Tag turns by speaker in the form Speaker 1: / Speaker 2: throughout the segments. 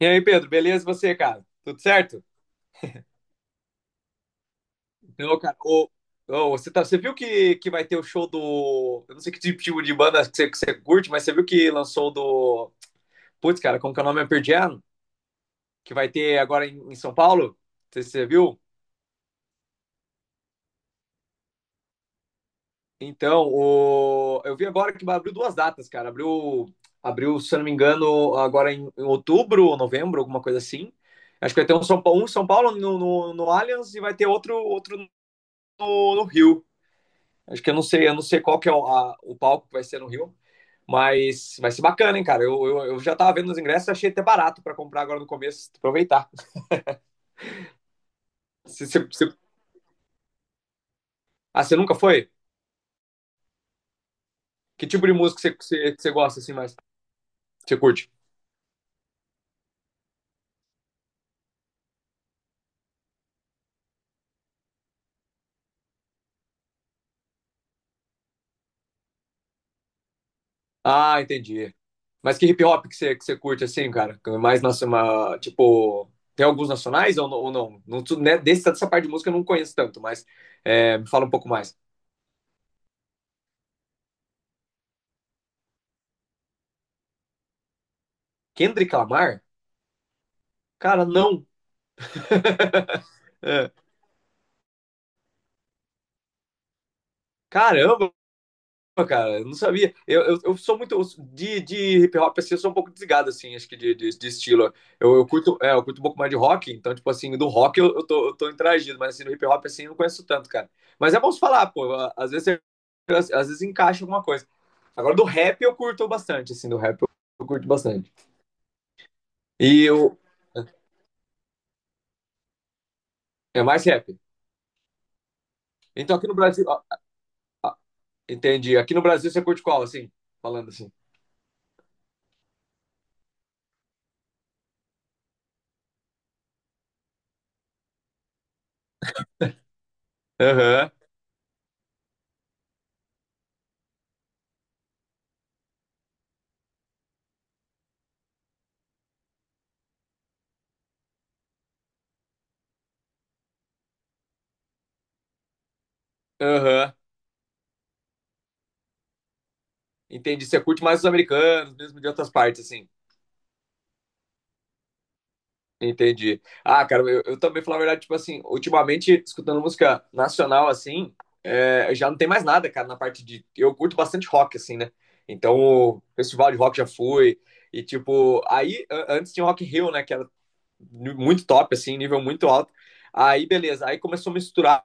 Speaker 1: E aí, Pedro, beleza? E você, cara? Tudo certo? Não, cara, ô, você viu que vai ter o show do. Eu não sei que tipo de banda que você curte, mas você viu que lançou o do. Putz, cara, como que é o nome? É Pearl Jam, que vai ter agora em São Paulo? Não sei se você viu. Então, eu vi agora que abriu duas datas, cara. Abriu, se eu não me engano, agora em outubro ou novembro, alguma coisa assim. Acho que vai ter um São Paulo, um São Paulo no Allianz e vai ter outro no Rio. Acho que eu não sei qual que é o palco que vai ser no Rio, mas vai ser bacana, hein, cara. Eu já tava vendo os ingressos, achei até barato pra comprar agora no começo, aproveitar. Você, você, você- Ah, você nunca foi? Que tipo de música você gosta, assim, mais? Você curte? Ah, entendi. Mas que hip hop que você curte, assim, cara? Mais nacional, tipo. Tem alguns nacionais ou não? Ou não? Né, dessa parte de música eu não conheço tanto, mas é, me fala um pouco mais. Kendrick Lamar? Cara, não. É. Caramba, cara, eu não sabia. Eu sou muito de hip hop, assim, eu sou um pouco desligado, assim, acho que de estilo. Eu curto um pouco mais de rock, então, tipo assim, do rock eu tô interagindo, mas assim, no hip hop, assim, eu não conheço tanto, cara. Mas é bom se falar, pô, às vezes, às vezes encaixa alguma coisa. Agora, do rap eu curto bastante, assim, do rap eu curto bastante. E eu, é mais rap. Então, aqui no Brasil, ó, entendi. Aqui no Brasil você curte qual, assim, falando assim? Aham, aham. Entendi, você curte mais os americanos, mesmo de outras partes, assim. Entendi. Ah, cara, eu também, falar a verdade, tipo assim, ultimamente, escutando música nacional, assim, já não tem mais nada, cara, na parte de. Eu curto bastante rock, assim, né? Então, o festival de rock já fui, e tipo, aí, antes tinha o Rock in Rio, né, que era muito top, assim, nível muito alto. Aí, beleza, aí começou a misturar,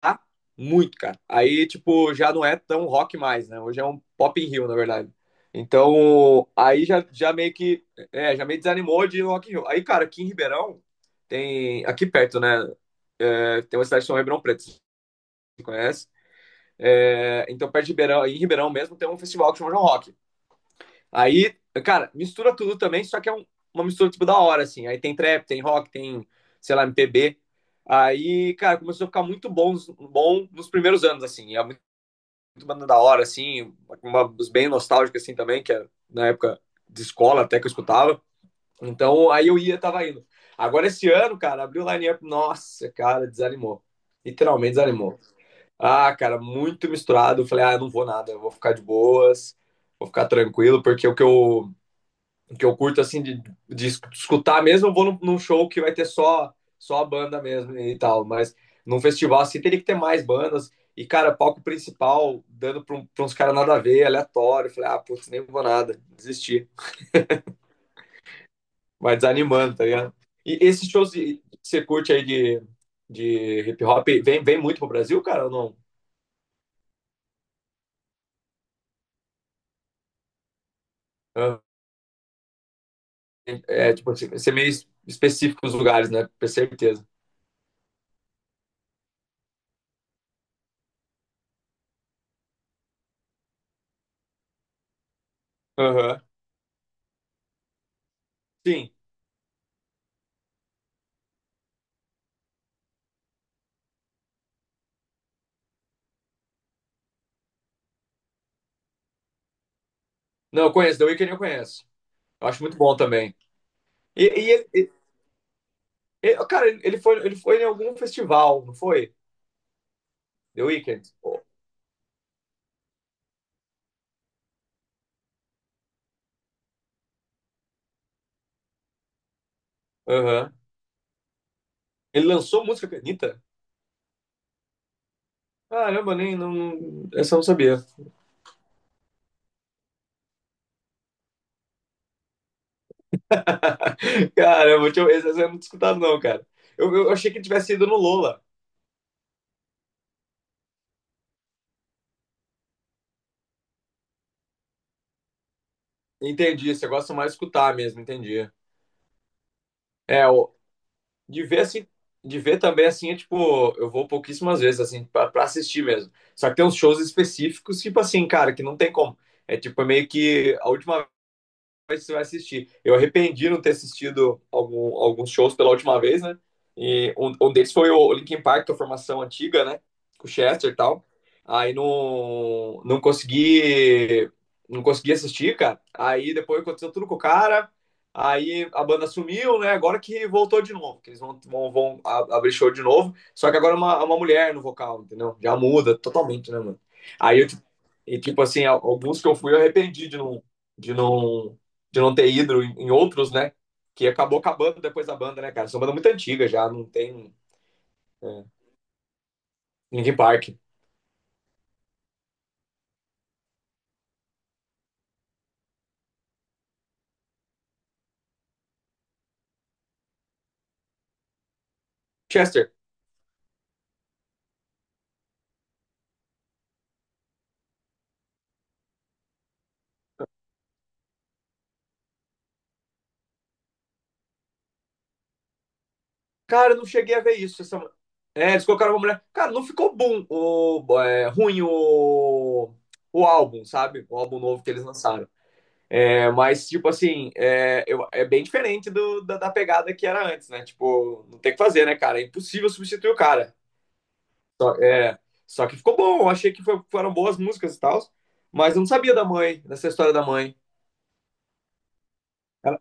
Speaker 1: tá, muito, cara. Aí, tipo, já não é tão rock mais, né? Hoje é um pop in Rio, na verdade. Então, aí já meio que, já meio desanimou de ir no Rock in Rio. Aí, cara, aqui em Ribeirão, tem, aqui perto, né? É, tem uma cidade que chama Ribeirão Preto, você conhece? É, então, perto de Ribeirão, em Ribeirão mesmo, tem um festival que chama João Rock. Aí, cara, mistura tudo também, só que é uma mistura, tipo, da hora, assim. Aí tem trap, tem rock, tem, sei lá, MPB. Aí, cara, começou a ficar muito bom, bom nos primeiros anos, assim. É muito banda da hora, assim, uma bem nostálgica, assim, também, que era na época de escola até que eu escutava. Então, aí eu ia, tava indo. Agora, esse ano, cara, abriu o line-up, nossa, cara, desanimou. Literalmente desanimou. Ah, cara, muito misturado. Eu falei, ah, eu não vou nada, eu vou ficar de boas, vou ficar tranquilo, porque o que eu curto assim de escutar mesmo, eu vou num show que vai ter só a banda mesmo e tal, mas num festival assim teria que ter mais bandas. E, cara, palco principal, dando pra uns caras nada a ver, aleatório. Eu falei, ah, putz, nem vou nada, desisti. Vai desanimando, tá ligado? E esses shows que você curte aí de hip hop, vem muito pro Brasil, cara, ou não? Ah, é, tipo, assim, você é meio específico os lugares, né? Com certeza. Aham. Sim. Não, eu conheço, The Weeknd eu conheço. Eu acho muito bom também. E ele, cara, ele foi em algum festival, não foi? The Weeknd. Pô, aham. Ele lançou música com a Anitta? Caramba, nem, não, essa eu não sabia. Caramba, deixa eu, essa eu não tinha escutado não, cara. Eu achei que ele tivesse ido no Lola. Entendi, você gosta mais de escutar mesmo, entendi. É, de ver assim, de ver também assim, é tipo, eu vou pouquíssimas vezes, assim, pra assistir mesmo. Só que tem uns shows específicos, tipo assim, cara, que não tem como. É tipo, é meio que a última você vai assistir. Eu arrependi não ter assistido alguns shows pela última vez, né? E um deles foi o Linkin Park, que é a formação antiga, né? Com o Chester e tal. Aí não, não consegui assistir, cara. Aí depois aconteceu tudo com o cara. Aí a banda sumiu, né? Agora que voltou de novo, que eles vão abrir show de novo. Só que agora é uma mulher no vocal, entendeu? Já muda totalmente, né, mano? Aí eu, tipo, e, tipo assim, alguns que eu fui eu arrependi de não de não ter ido em, outros, né? Que acabou acabando depois da banda, né, cara? Essa é uma banda muito antiga já, não tem é, Linkin Park. Chester, cara, eu não cheguei a ver isso. Essa. É, eles colocaram uma mulher. Cara, não ficou bom, ruim o álbum, sabe? O álbum novo que eles lançaram. É, mas, tipo assim, é, é bem diferente da pegada que era antes, né? Tipo, não tem o que fazer, né, cara? É impossível substituir o cara. Só, é, só que ficou bom, eu achei que foram boas músicas e tal, mas eu não sabia da mãe, dessa história da mãe. Ela,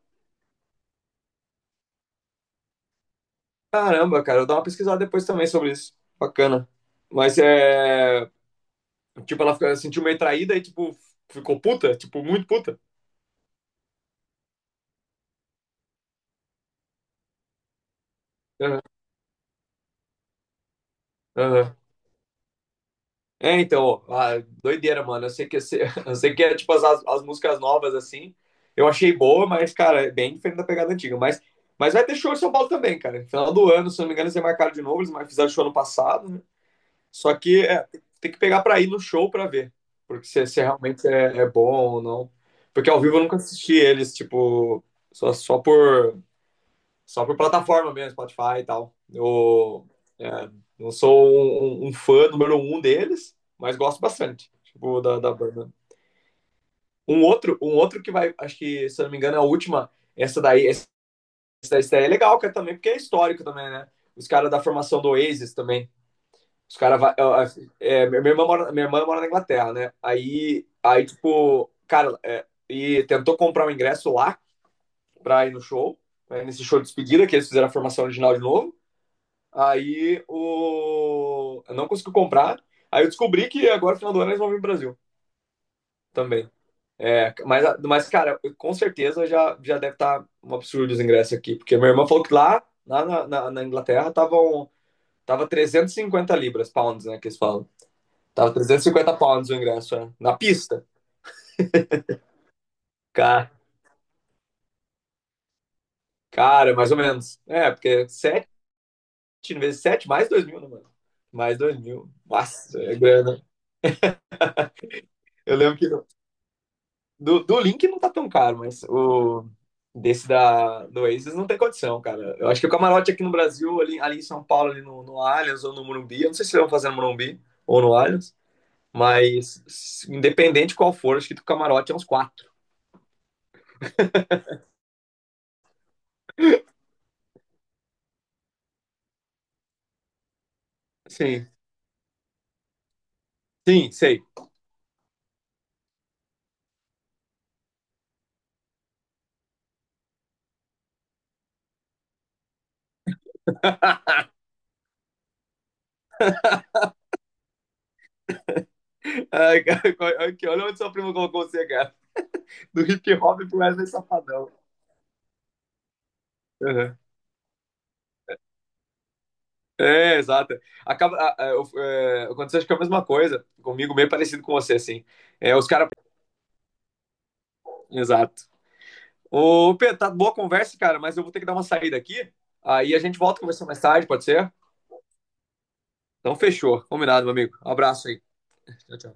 Speaker 1: Caramba, cara, eu vou dar uma pesquisada depois também sobre isso. Bacana. Mas é. Tipo, ela sentiu meio traída e, tipo, ficou puta, tipo, muito puta. Aham, aham. É, então, ó, ah, doideira, mano. Eu sei que, eu sei que é, tipo, as músicas novas, assim, eu achei boa, mas, cara, é bem diferente da pegada antiga. Mas vai ter show em São Paulo também, cara. Final do ano, se não me engano, eles marcaram de novo, eles fizeram show ano passado, né? Só que tem que pegar pra ir no show pra ver. Porque se realmente é bom ou não. Porque ao vivo eu nunca assisti eles, tipo, só, só por só por plataforma mesmo, Spotify e tal. Eu é, não sou um fã número um deles, mas gosto bastante, tipo, da banda. Um outro que vai, acho que, se eu não me engano, é a última, essa daí é legal, cara, também, porque é histórico também, né? Os caras da formação do Oasis também. Os caras vai, ó, assim, minha irmã mora na Inglaterra, né? Aí, aí tipo, cara, é, e tentou comprar um ingresso lá pra ir no show, né, nesse show de despedida, que eles fizeram a formação original de novo. Aí o eu não consegui comprar. Aí eu descobri que agora, no final do ano, eles vão vir pro Brasil também. É, mas, mas, cara, com certeza já deve estar um absurdo os ingressos aqui. Porque minha irmã falou que lá na Inglaterra, tava 350 libras, pounds, né, que eles falam. Tava 350 pounds o ingresso, é. Na pista. Cara, cara, mais ou menos. É, porque 7 vezes 7 mais 2.000, né, mano? Mais 2.000. Nossa, é grana. Eu lembro que do Link não tá tão caro, mas o desse do Oasis não tem condição, cara. Eu acho que o camarote aqui no Brasil, ali em São Paulo, ali no Allianz ou no Morumbi, eu não sei se eles vão fazer no Morumbi ou no Allianz, mas independente qual for, acho que o camarote é uns quatro. Sim. Sim, sei. Ai, aqui, olha onde sua prima colocou você, cara. Do hip hop pro Wesley Safadão. Uhum. É, exato. Acaba, aconteceu acho que é a mesma coisa comigo, meio parecido com você, assim. É, os caras. Exato. Ô, Pedro, tá boa a conversa, cara, mas eu vou ter que dar uma saída aqui. Aí a gente volta a conversar mais tarde, pode ser? Então fechou. Combinado, meu amigo. Abraço aí. Tchau, tchau.